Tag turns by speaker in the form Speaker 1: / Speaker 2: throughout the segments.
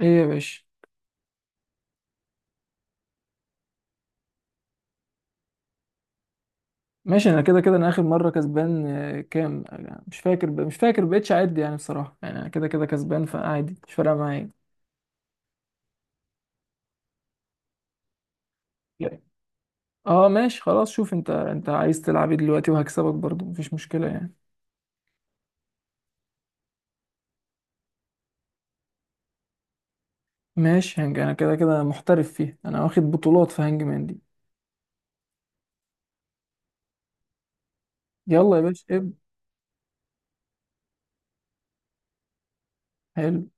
Speaker 1: ايه يا باشا. ماشي، انا كده كده انا اخر مره كسبان. كام أنا مش فاكر مش فاكر بقيتش اعد يعني، بصراحه يعني انا كده كده كسبان، فعادي مش فارقه معايا. لا. اه ماشي خلاص، شوف انت عايز تلعب ايه دلوقتي؟ وهكسبك برضو، مفيش مشكله يعني. ماشي، هنج انا كده كده محترف فيها، انا واخد بطولات في هانج مان دي. يلا يا باشا ابدا. حلو.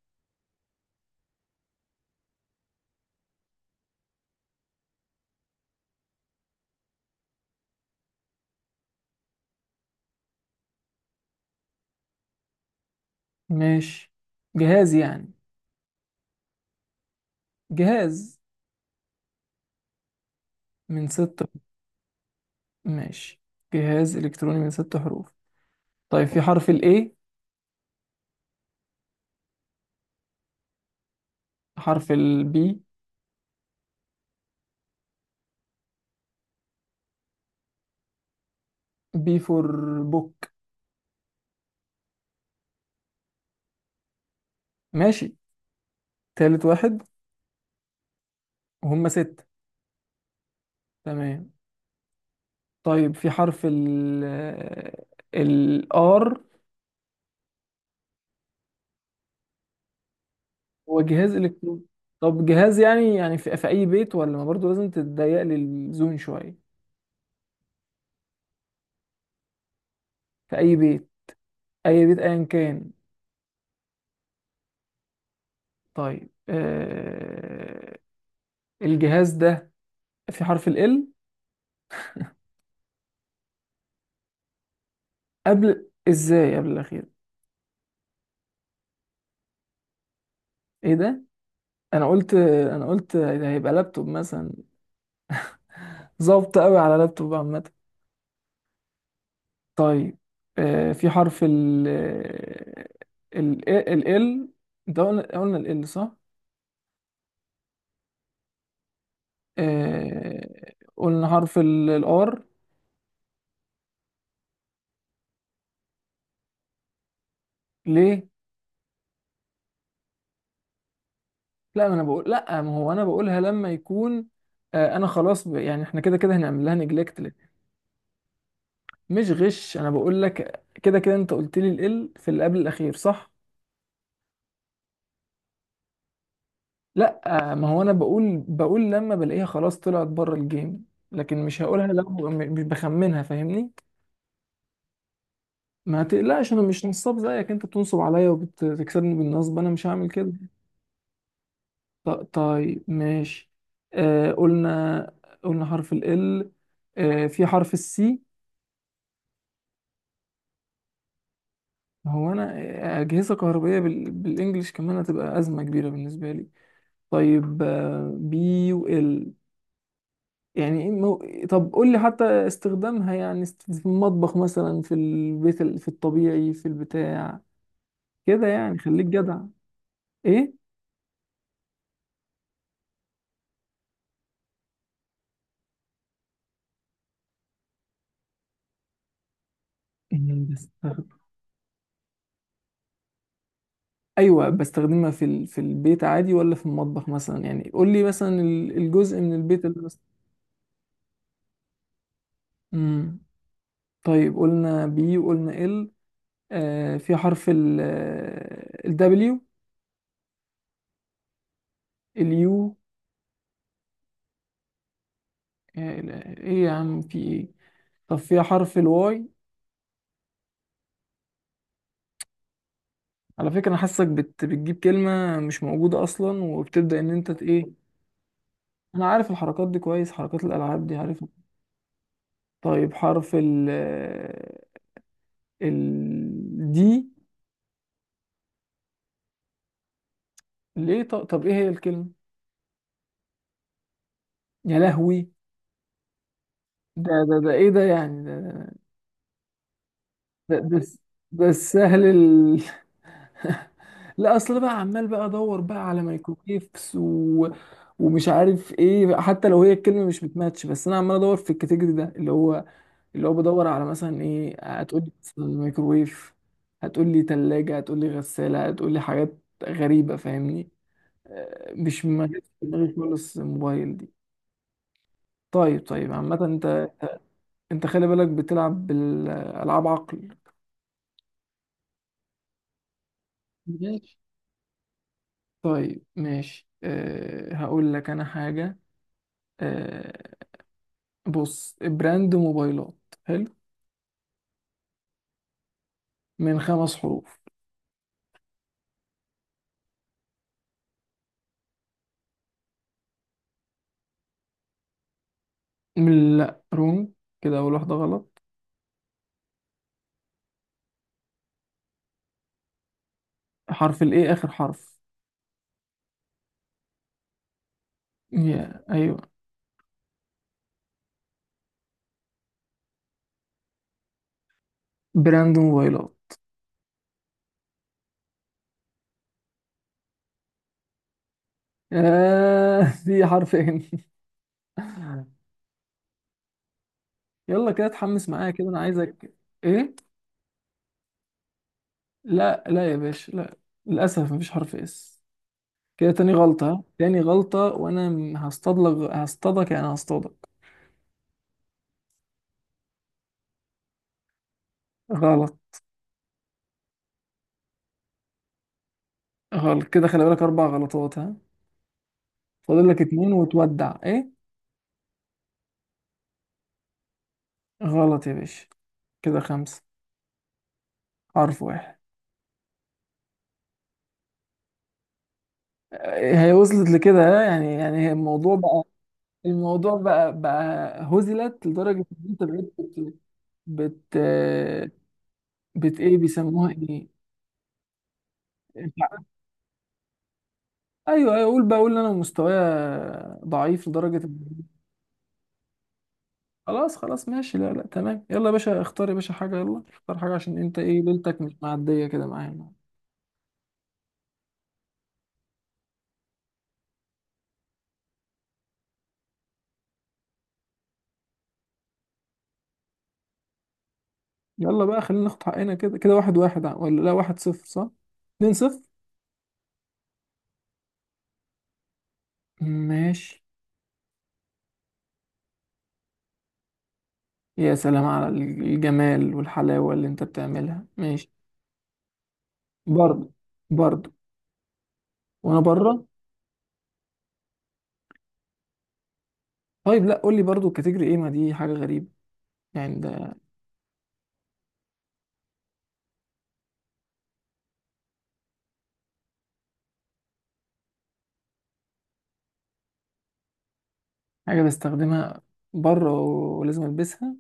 Speaker 1: ماشي. جهاز يعني. جهاز من ست. ماشي، جهاز الكتروني من ست حروف. طيب، في حرف الاي؟ حرف البي؟ بي فور؟ بوك. ماشي. تالت واحد. وهم ستة؟ تمام. طيب، في حرف ال ال R؟ هو جهاز إلكتروني. طب جهاز يعني يعني في أي بيت ولا ما، برضه لازم تتضيق لي الزون شوية. في أي بيت؟ أي بيت أيا كان. طيب آه، الجهاز ده في حرف ال L؟ قبل إزاي قبل الأخير؟ إيه ده. أنا قلت، أنا قلت ده هيبقى لابتوب مثلا. ظابطة قوي على لابتوب عامة. طيب في حرف ال ال ال ال، ده قلنا ال ال صح؟ قلنا حرف الار. ليه؟ لا ما انا بقول، لا ما هو انا بقولها لما يكون. انا خلاص يعني احنا كده كده هنعمل لها نجلكت. مش غش، انا بقول لك كده كده انت قلت لي ال في اللي قبل الاخير صح؟ لا ما هو انا بقول لما بلاقيها خلاص طلعت بره الجيم، لكن مش هقولها لو مش بخمنها، فاهمني؟ ما تقلقش، انا مش نصاب زيك، انت بتنصب عليا وبتكسبني بالنصب، انا مش هعمل كده. طيب ماشي. آه قلنا، قلنا حرف ال ال. آه في حرف السي؟ هو انا آه، اجهزه كهربائيه بالانجلش كمان هتبقى ازمه كبيره بالنسبه لي. طيب آه، بي و ال، يعني إيه طب قول لي حتى استخدامها يعني في المطبخ مثلا في البيت في الطبيعي في البتاع، كده يعني خليك جدع. ايه، بستخدمها. ايوه بستخدمها في البيت عادي ولا في المطبخ مثلا، يعني قول لي مثلا الجزء من البيت اللي. امم. طيب قلنا بي وقلنا ال. آه في حرف ال الدبليو؟ اليو؟ ايه يا عم في ايه. طب في حرف الواي؟ على فكرة انا حاسك بتجيب كلمة مش موجودة اصلا وبتبدأ ان انت ايه. انا عارف الحركات دي كويس، حركات الالعاب دي عارف. طيب حرف ال ال دي؟ ليه؟ طب ايه هي الكلمة؟ يا لهوي. ده ايه ده يعني؟ ده ده ده, الس- ده السهل ال... لا اصل بقى عمال بقى ادور بقى على مايكروويفز و... ومش عارف ايه، حتى لو هي الكلمه مش بتماتش بس انا عمال ادور في الكاتيجوري ده، اللي هو بدور على مثلا ايه، هتقول لي مثلا مايكروويف، هتقول لي ثلاجه، هتقول لي غساله، هتقول لي حاجات غريبه فاهمني. آه، مش ما جاتش في دماغي خالص الموبايل دي. طيب عامه انت، انت خلي بالك بتلعب بالالعاب عقل. ماشي. طيب ماشي، أه هقول لك انا حاجة. أه، بص، براند موبايلات. حلو. من خمس حروف. من لا رونج، كده اول واحدة غلط. حرف الايه اخر حرف. يا ايوه. براند موبايلات. آه دي حرفين. يلا كده اتحمس معايا، كده انا عايزك. ايه. لا، يا باشا لا، للاسف مفيش حرف اس. كده تاني غلطة، تاني غلطة، وانا هصطادلك، هصطادك يعني هصطادك. غلط. غلط، كده خلي بالك أربع غلطات ها. فاضل لك اتنين وتودع إيه. غلط يا باشا. كده خمسة. حرف واحد. آه، هي وصلت لكده ها؟ يعني الموضوع بقى، الموضوع بقى هزلت لدرجة إن أنت بقيت بت بت إيه بيسموها إيه. ايوه، ايوه، قول بقى، قول ان انا مستوايا ضعيف لدرجه إن- خلاص، ماشي، لا لا تمام، يلا يا باشا اختار يا باشا حاجه، يلا اختار حاجه، عشان انت ايه ليلتك مش معديه كده معايا. يلا بقى خلينا ناخد حقنا، كده كده واحد واحد ولا لا واحد صفر صح؟ اتنين صفر. ماشي. يا سلام على الجمال والحلاوة اللي انت بتعملها، ماشي. برضو. برضو. وانا بره. طيب لا قول لي برضو الكاتيجوري ايه، ما دي حاجة غريبة يعني ده. حاجة بستخدمها بره ولازم البسها.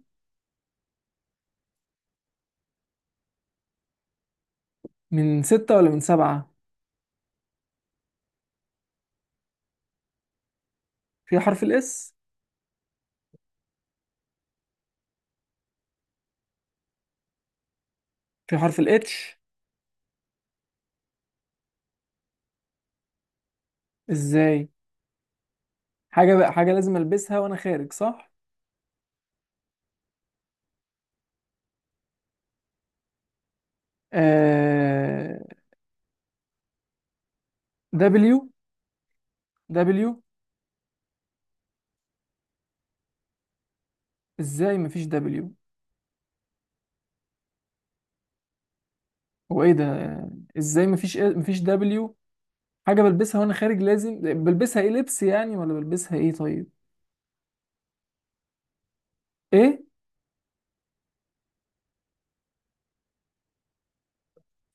Speaker 1: من ستة ولا من سبعة؟ في حرف الاس؟ في حرف الاتش؟ ازاي. حاجة بقى، حاجة لازم البسها وانا خارج صح؟ آه... دبليو. دبليو. ازاي مفيش دبليو. هو ايه ده. ازاي مفيش إيه، مفيش دبليو. حاجه بلبسها وانا خارج، لازم بلبسها ايه، لبس يعني ولا بلبسها ايه؟ طيب. ايه.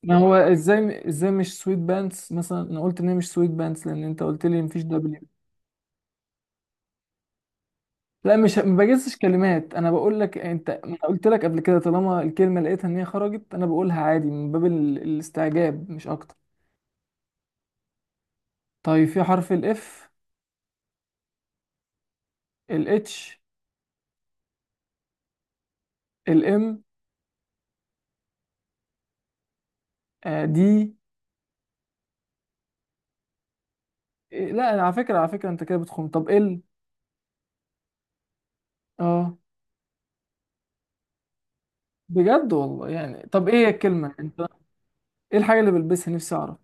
Speaker 1: ما هو ازاي، ازاي مش سويت بانتس مثلا، انا قلت ان هي مش سويت بانتس لان انت قلت لي مفيش دبليو. لا مش ما بجزش كلمات، انا بقول لك، انت انا قلت لك قبل كده طالما الكلمه لقيتها ان هي خرجت انا بقولها عادي من باب الاستعجاب، مش اكتر. طيب في حرف الاف؟ الاتش؟ الام؟ دي؟ لا على فكره، انت كده بتخم. طب ال. اه بجد والله، يعني طب ايه هي الكلمة انت. ايه الحاجة اللي بلبسها، نفسي اعرف.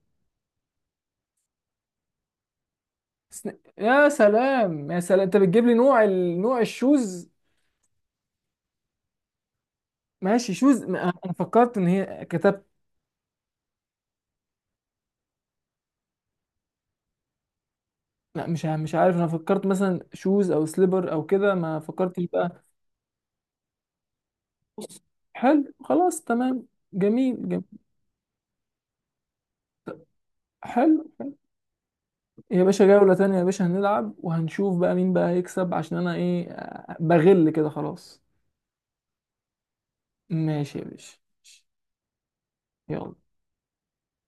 Speaker 1: يا سلام، انت بتجيب لي نوع ال... نوع الشوز. ماشي شوز انا فكرت ان هي كتبت. لا مش عارف، انا فكرت مثلا شوز او سليبر او كده، ما فكرتش بقى. حلو خلاص تمام. جميل. حلو. يا باشا جولة تانية يا باشا، هنلعب وهنشوف بقى مين بقى هيكسب، عشان انا ايه آه، بغل كده خلاص. ماشي يا باشا. يلا.